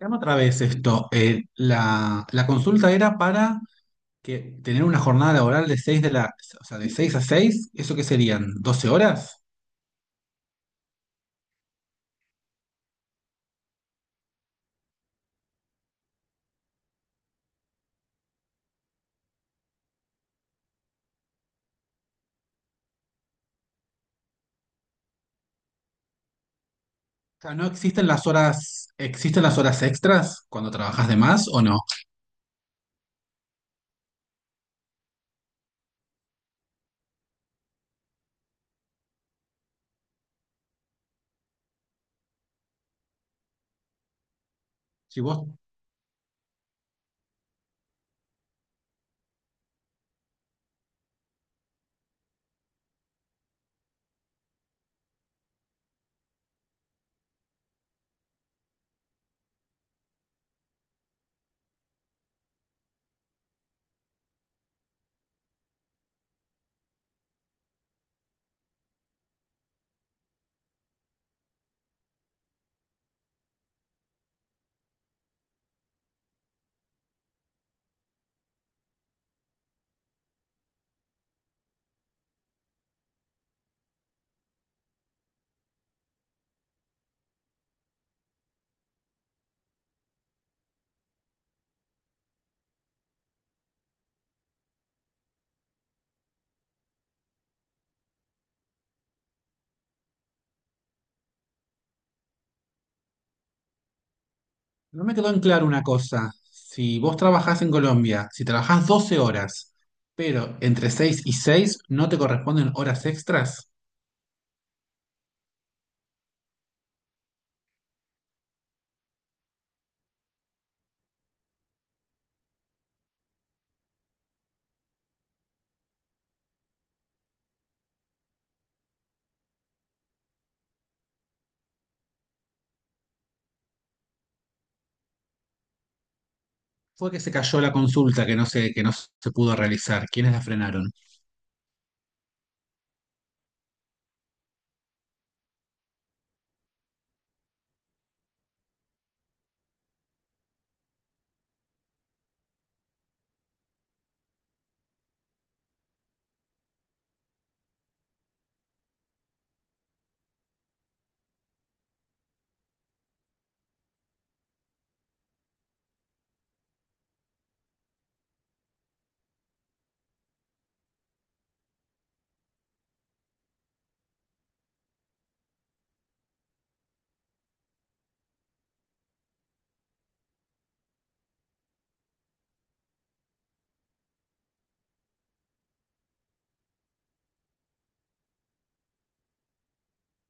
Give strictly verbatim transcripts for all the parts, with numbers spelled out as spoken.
Llama otra vez esto. eh, la, la consulta era para que tener una jornada laboral de seis de la, o sea, de seis a seis. ¿Eso qué serían? ¿Doce horas? O sea, ¿no existen las horas, existen las horas extras cuando trabajas de más o no? Si vos, no me quedó en claro una cosa. Si vos trabajás en Colombia, si trabajás doce horas, pero entre seis y seis no te corresponden horas extras. Fue que se cayó la consulta que no se, que no se pudo realizar. ¿Quiénes la frenaron?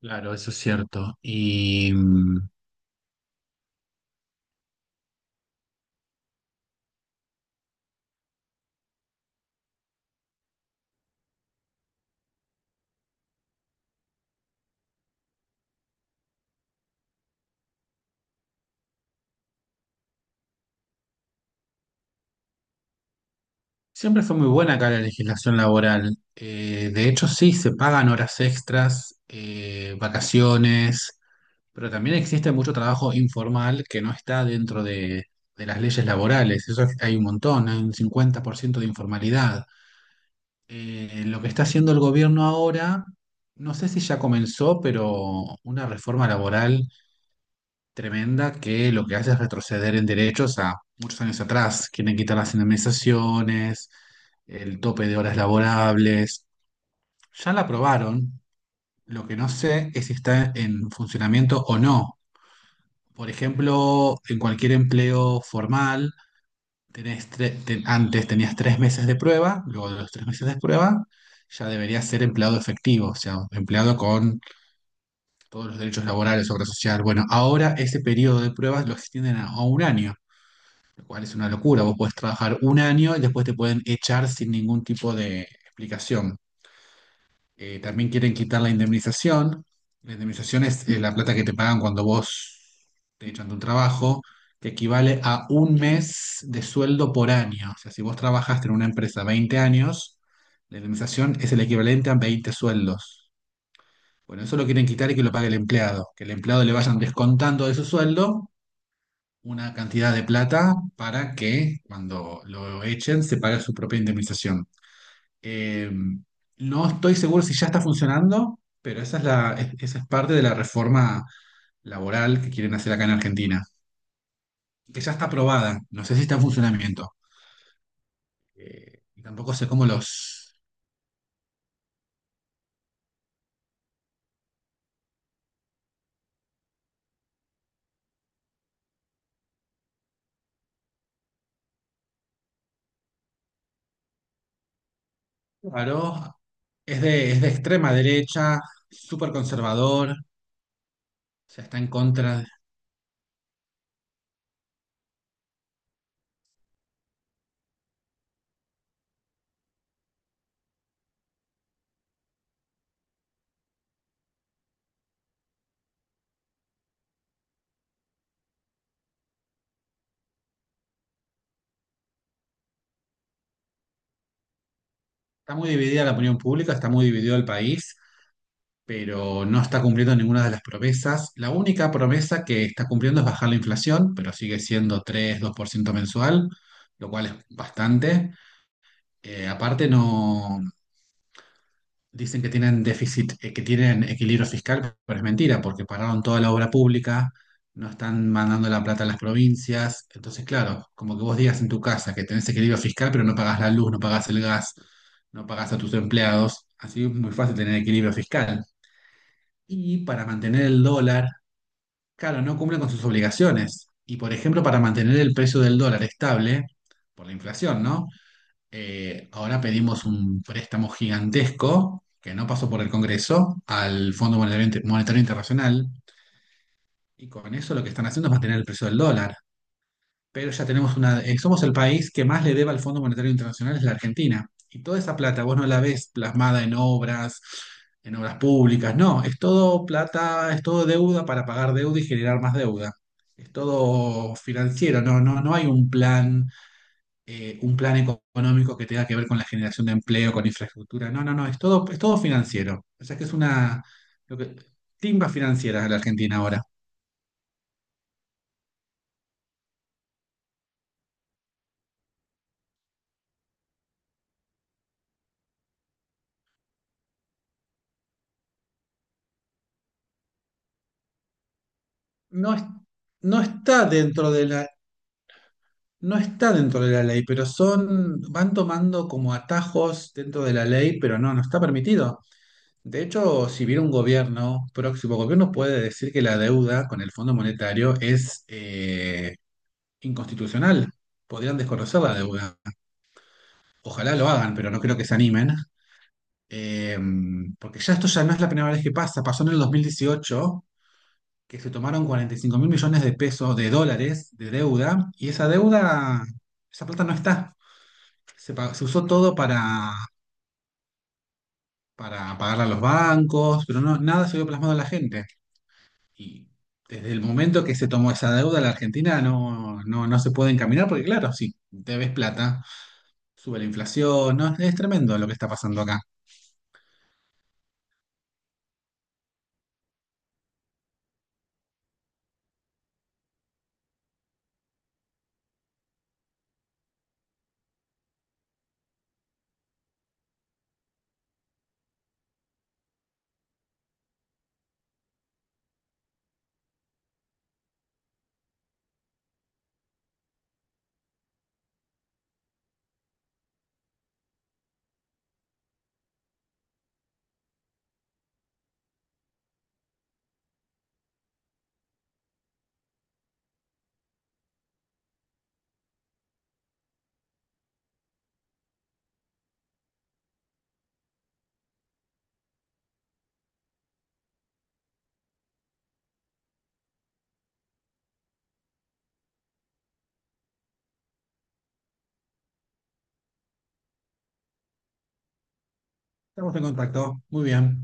Claro, eso es cierto. Y mm, siempre fue muy buena acá la legislación laboral. Eh, de hecho, sí, se pagan horas extras, eh, vacaciones, pero también existe mucho trabajo informal que no está dentro de, de las leyes laborales. Eso es- hay un montón, hay un cincuenta por ciento de informalidad. Eh, lo que está haciendo el gobierno ahora, no sé si ya comenzó, pero una reforma laboral tremenda que lo que hace es retroceder en derechos a muchos años atrás. Quieren quitar las indemnizaciones, el tope de horas laborables. Ya la aprobaron. Lo que no sé es si está en funcionamiento o no. Por ejemplo, en cualquier empleo formal, tenés tre- ten- antes tenías tres meses de prueba. Luego de los tres meses de prueba, ya deberías ser empleado efectivo, o sea, empleado con todos los derechos laborales, obra social. Bueno, ahora ese periodo de pruebas lo extienden a a un año, lo cual es una locura. Vos podés trabajar un año y después te pueden echar sin ningún tipo de explicación. Eh, también quieren quitar la indemnización. La indemnización es eh, la plata que te pagan cuando vos te echan de un trabajo, que equivale a un mes de sueldo por año. O sea, si vos trabajaste en una empresa veinte años, la indemnización es el equivalente a veinte sueldos. Bueno, eso lo quieren quitar y que lo pague el empleado, que el empleado le vayan descontando de su sueldo una cantidad de plata para que cuando lo echen se pague su propia indemnización. Eh, no estoy seguro si ya está funcionando, pero esa es la, es- esa es parte de la reforma laboral que quieren hacer acá en Argentina, que ya está aprobada, no sé si está en funcionamiento. Eh, y tampoco sé cómo los... Claro, es de, es de extrema derecha, súper conservador, o sea, está en contra. Está muy dividida la opinión pública, está muy dividido el país, pero no está cumpliendo ninguna de las promesas. La única promesa que está cumpliendo es bajar la inflación, pero sigue siendo tres dos por ciento mensual, lo cual es bastante. Eh, aparte, no dicen que tienen déficit, eh, que tienen equilibrio fiscal, pero es mentira, porque pararon toda la obra pública, no están mandando la plata a las provincias. Entonces, claro, como que vos digas en tu casa que tenés equilibrio fiscal, pero no pagás la luz, no pagás el gas, no pagás a tus empleados. Así es muy fácil tener equilibrio fiscal. Y para mantener el dólar Claro, no cumplen con sus obligaciones. Y por ejemplo, para mantener el precio del dólar estable, por la inflación, ¿no? Eh, ahora pedimos un préstamo gigantesco que no pasó por el Congreso al Fondo Monetario Monetario Internacional. Y con eso lo que están haciendo es mantener el precio del dólar, pero ya tenemos una, eh, somos el país que más le debe al Fondo Monetario Internacional, es la Argentina. Y toda esa plata vos no la ves plasmada en obras, en obras públicas. No, es todo plata, es todo deuda para pagar deuda y generar más deuda. Es todo financiero, no, no, no hay un plan, eh, un plan económico que tenga que ver con la generación de empleo, con infraestructura. No, no, no, es todo, es todo financiero. O sea que es una lo que, timba financiera la Argentina ahora. No. es- no está dentro de la No está dentro de la ley, pero son, van tomando como atajos dentro de la ley, pero no, no está permitido. De hecho, si viene un gobierno, próximo gobierno puede decir que la deuda con el Fondo Monetario es eh, inconstitucional. Podrían desconocer la deuda. Ojalá lo hagan, pero no creo que se animen. Eh, Porque ya esto ya no es la primera vez que pasa. Pasó en el dos mil dieciocho, que se tomaron cuarenta y cinco mil millones de pesos, de dólares, de deuda, y esa deuda, esa plata no está. Se, pa- se usó todo para, para, pagar a los bancos, pero no, nada se vio plasmado en la gente. Y desde el momento que se tomó esa deuda, la Argentina no, no, no se puede encaminar, porque claro, sí, debes plata, sube la inflación, no, es tremendo lo que está pasando acá. Estamos en contacto, muy bien.